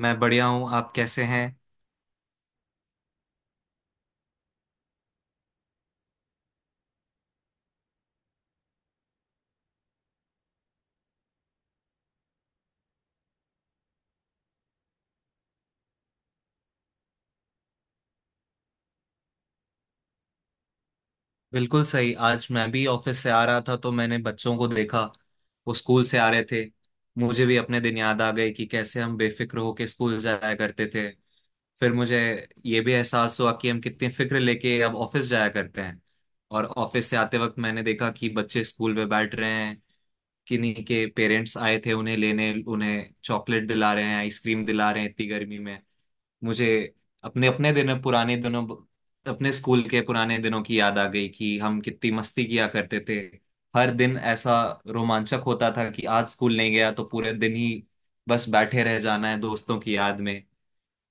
मैं बढ़िया हूँ। आप कैसे हैं? बिल्कुल सही। आज मैं भी ऑफिस से आ रहा था तो मैंने बच्चों को देखा। वो स्कूल से आ रहे थे। मुझे भी अपने दिन याद आ गए कि कैसे हम बेफिक्र होके स्कूल जाया करते थे। फिर मुझे ये भी एहसास हुआ कि हम कितनी फिक्र लेके अब ऑफिस जाया करते हैं। और ऑफिस से आते वक्त मैंने देखा कि बच्चे स्कूल में बैठ रहे हैं। किन्हीं के पेरेंट्स आए थे उन्हें लेने, उन्हें चॉकलेट दिला रहे हैं, आइसक्रीम दिला रहे हैं इतनी गर्मी में। मुझे अपने अपने दिनों पुराने दिनों अपने स्कूल के पुराने दिनों की याद आ गई कि हम कितनी मस्ती किया करते थे। हर दिन ऐसा रोमांचक होता था कि आज स्कूल नहीं गया तो पूरे दिन ही बस बैठे रह जाना है दोस्तों की याद में।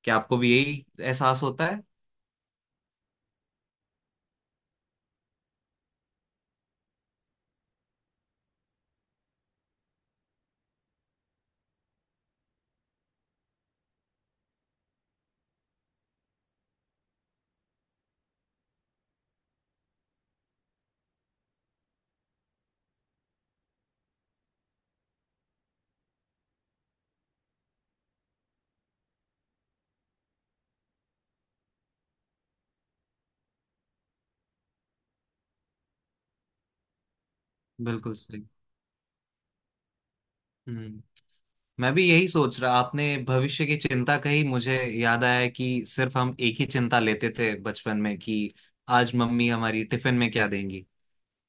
क्या आपको भी यही एहसास होता है? बिल्कुल सही। हम्म। मैं भी यही सोच रहा। आपने भविष्य की चिंता कही, मुझे याद आया कि सिर्फ हम एक ही चिंता लेते थे बचपन में कि आज मम्मी हमारी टिफिन में क्या देंगी।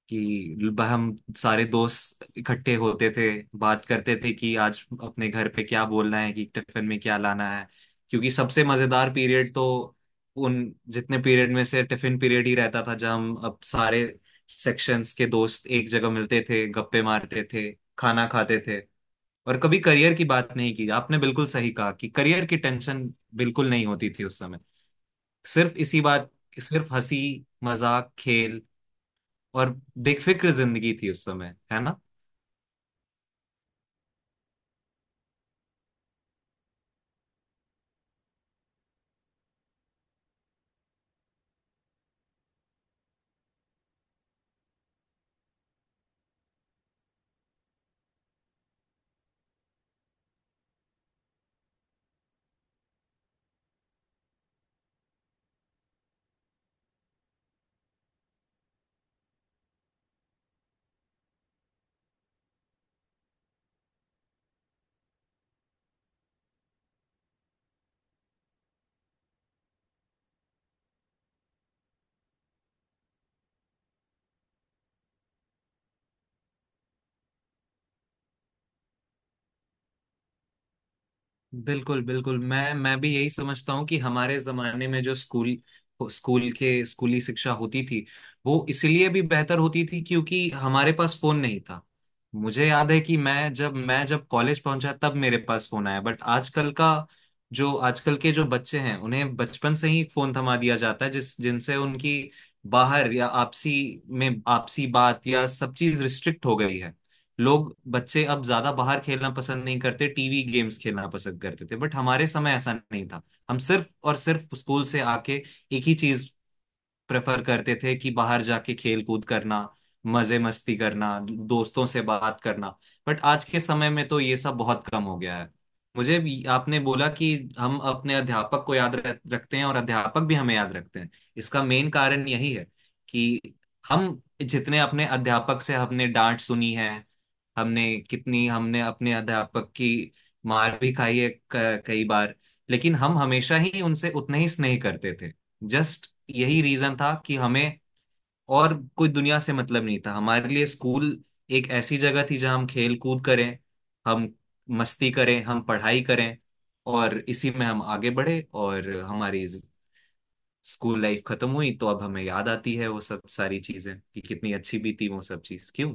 कि हम सारे दोस्त इकट्ठे होते थे, बात करते थे कि आज अपने घर पे क्या बोलना है कि टिफिन में क्या लाना है। क्योंकि सबसे मजेदार पीरियड तो उन जितने पीरियड में से टिफिन पीरियड ही रहता था जब हम अब सारे सेक्शंस के दोस्त एक जगह मिलते थे, गप्पे मारते थे, खाना खाते थे। और कभी करियर की बात नहीं की। आपने बिल्कुल सही कहा कि करियर की टेंशन बिल्कुल नहीं होती थी उस समय। सिर्फ इसी बात सिर्फ हंसी मजाक खेल और बेफिक्र जिंदगी थी उस समय, है ना? बिल्कुल, बिल्कुल। मैं भी यही समझता हूँ कि हमारे जमाने में जो स्कूल स्कूल के स्कूली शिक्षा होती थी वो इसलिए भी बेहतर होती थी क्योंकि हमारे पास फोन नहीं था। मुझे याद है कि मैं जब कॉलेज पहुंचा तब मेरे पास फोन आया। बट आजकल के जो बच्चे हैं उन्हें बचपन से ही फोन थमा दिया जाता है, जिस जिनसे उनकी बाहर या आपसी बात या सब चीज रिस्ट्रिक्ट हो गई है। लोग बच्चे अब ज्यादा बाहर खेलना पसंद नहीं करते, टीवी गेम्स खेलना पसंद करते थे। बट हमारे समय ऐसा नहीं था। हम सिर्फ और सिर्फ स्कूल से आके एक ही चीज प्रेफर करते थे कि बाहर जाके खेल कूद करना, मजे मस्ती करना, दोस्तों से बात करना। बट आज के समय में तो ये सब बहुत कम हो गया है। मुझे भी आपने बोला कि हम अपने अध्यापक को याद रखते हैं और अध्यापक भी हमें याद रखते हैं। इसका मेन कारण यही है कि हम जितने अपने अध्यापक से हमने डांट सुनी है, हमने हमने अपने अध्यापक की मार भी खाई है कई बार। लेकिन हम हमेशा ही उनसे उतना ही स्नेह करते थे। जस्ट यही रीजन था कि हमें और कोई दुनिया से मतलब नहीं था। हमारे लिए स्कूल एक ऐसी जगह थी जहां हम खेल कूद करें, हम मस्ती करें, हम पढ़ाई करें। और इसी में हम आगे बढ़े और हमारी स्कूल लाइफ खत्म हुई तो अब हमें याद आती है वो सब सारी चीजें कि कितनी अच्छी भी थी वो सब चीज, क्यों?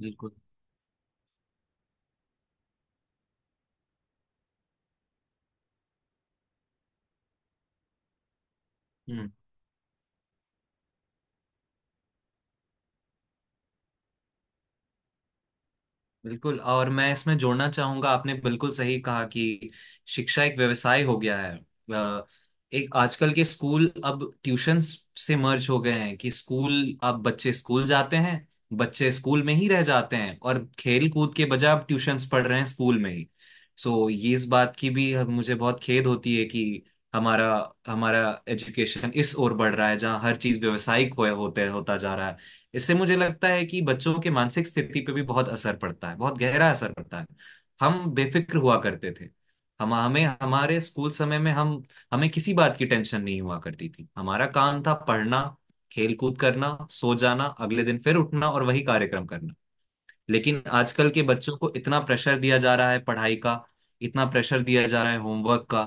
बिल्कुल, बिल्कुल। और मैं इसमें जोड़ना चाहूंगा, आपने बिल्कुल सही कहा कि शिक्षा एक व्यवसाय हो गया है। अ, एक आजकल के स्कूल अब ट्यूशंस से मर्ज हो गए हैं कि स्कूल अब बच्चे स्कूल जाते हैं, बच्चे स्कूल में ही रह जाते हैं और खेल कूद के बजाय अब ट्यूशंस पढ़ रहे हैं स्कूल में ही। सो ये इस बात की भी मुझे बहुत खेद होती है कि हमारा हमारा एजुकेशन इस ओर बढ़ रहा है जहाँ हर चीज व्यवसायिक हो होते होता जा रहा है। इससे मुझे लगता है कि बच्चों के मानसिक स्थिति पे भी बहुत असर पड़ता है, बहुत गहरा असर पड़ता है। हम बेफिक्र हुआ करते थे। हम हमें हमारे स्कूल समय में हम हमें किसी बात की टेंशन नहीं हुआ करती थी। हमारा काम था पढ़ना, खेल कूद करना, सो जाना, अगले दिन फिर उठना और वही कार्यक्रम करना। लेकिन आजकल के बच्चों को इतना प्रेशर दिया जा रहा है पढ़ाई का, इतना प्रेशर दिया जा रहा है होमवर्क का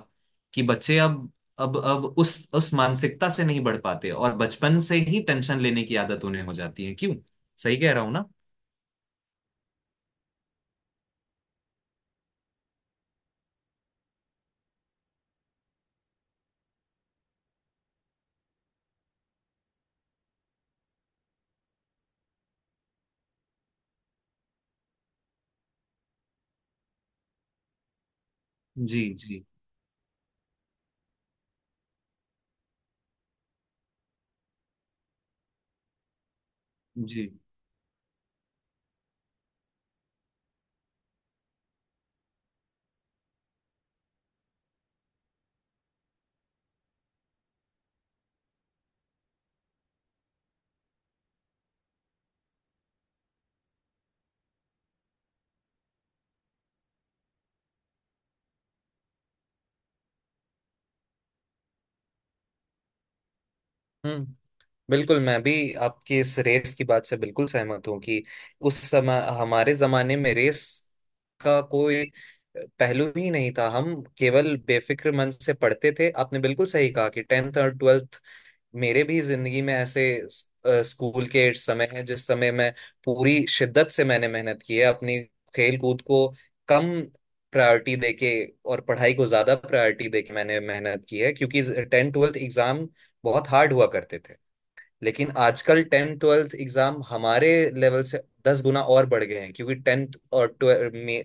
कि बच्चे अब उस मानसिकता से नहीं बढ़ पाते और बचपन से ही टेंशन लेने की आदत उन्हें हो जाती है, क्यों? सही कह रहा हूं ना? जी, जी, जी। हम्म बिल्कुल मैं भी आपकी इस रेस की बात से बिल्कुल सहमत हूँ कि उस समय हमारे जमाने में रेस का कोई पहलू ही नहीं था हम केवल बेफिक्र मन से पढ़ते थे आपने बिल्कुल सही कहा कि टेंथ और ट्वेल्थ मेरे भी जिंदगी में ऐसे स- अ, स्कूल के समय है जिस समय मैं पूरी शिद्दत से मैंने मेहनत की है अपनी खेल कूद को कम प्रायोरिटी देके और पढ़ाई को ज्यादा प्रायोरिटी देके मैंने मेहनत की है क्योंकि टेंथ ट्वेल्थ एग्जाम बहुत हार्ड हुआ करते थे लेकिन आजकल टेंथ ट्वेल्थ एग्जाम हमारे लेवल से 10 गुना और बढ़ गए हैं क्योंकि टेंथ और ट्वेल्थ में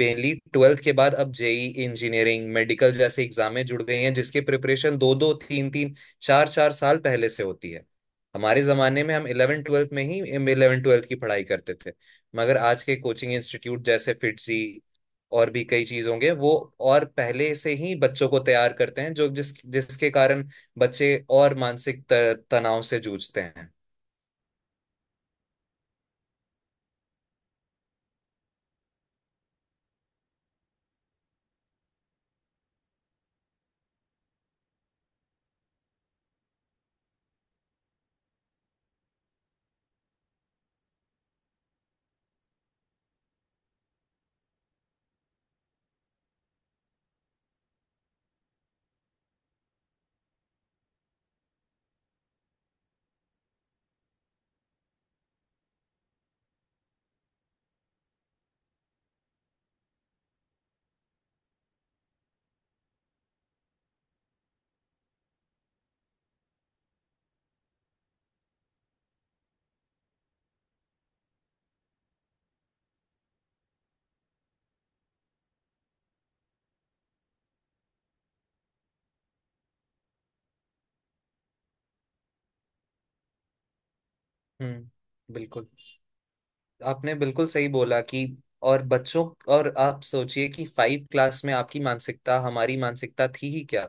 मेनली ट्वेल्थ के बाद अब जेई इंजीनियरिंग मेडिकल जैसे एग्जामें जुड़ गई हैं जिसकी प्रिपरेशन दो दो तीन तीन चार चार साल पहले से होती है हमारे जमाने में हम इलेवन ट्वेल्थ में ही इलेवन ट्वेल्थ की पढ़ाई करते थे मगर आज के कोचिंग इंस्टीट्यूट जैसे फिटजी और भी कई चीज होंगे वो और पहले से ही बच्चों को तैयार करते हैं जो जिस जिसके कारण बच्चे और मानसिक त- तनाव से जूझते हैं हम्म, बिल्कुल। आपने बिल्कुल सही बोला कि और बच्चों और आप सोचिए कि 5 क्लास में आपकी मानसिकता हमारी मानसिकता थी ही क्या?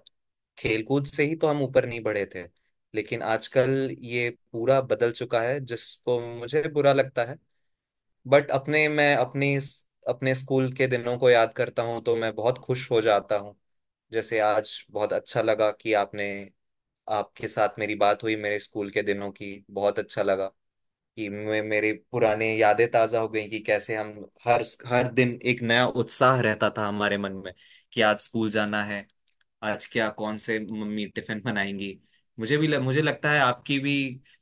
खेलकूद से ही तो हम ऊपर नहीं बढ़े थे। लेकिन आजकल ये पूरा बदल चुका है जिसको मुझे बुरा लगता है। बट अपने मैं अपनी अपने स्कूल के दिनों को याद करता हूँ तो मैं बहुत खुश हो जाता हूँ। जैसे आज बहुत अच्छा लगा कि आपने आपके साथ मेरी बात हुई मेरे स्कूल के दिनों की, बहुत अच्छा लगा कि मैं मेरे पुराने यादें ताजा हो गई कि कैसे हम हर हर दिन एक नया उत्साह रहता था हमारे मन में कि आज स्कूल जाना है, आज क्या कौन से मम्मी टिफिन बनाएंगी। मुझे लगता है आपकी भी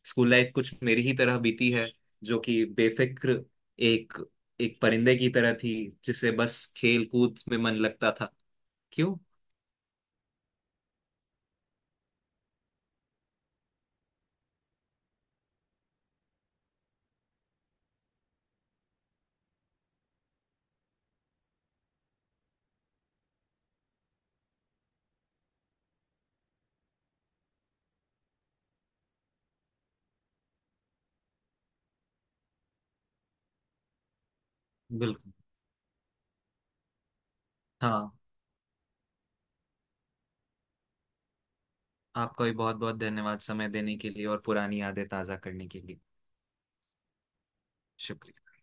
स्कूल लाइफ कुछ मेरी ही तरह बीती है, जो कि बेफिक्र एक एक परिंदे की तरह थी जिसे बस खेल कूद में मन लगता था, क्यों? बिल्कुल। हाँ। आपका भी बहुत बहुत धन्यवाद समय देने के लिए और पुरानी यादें ताज़ा करने के लिए। शुक्रिया।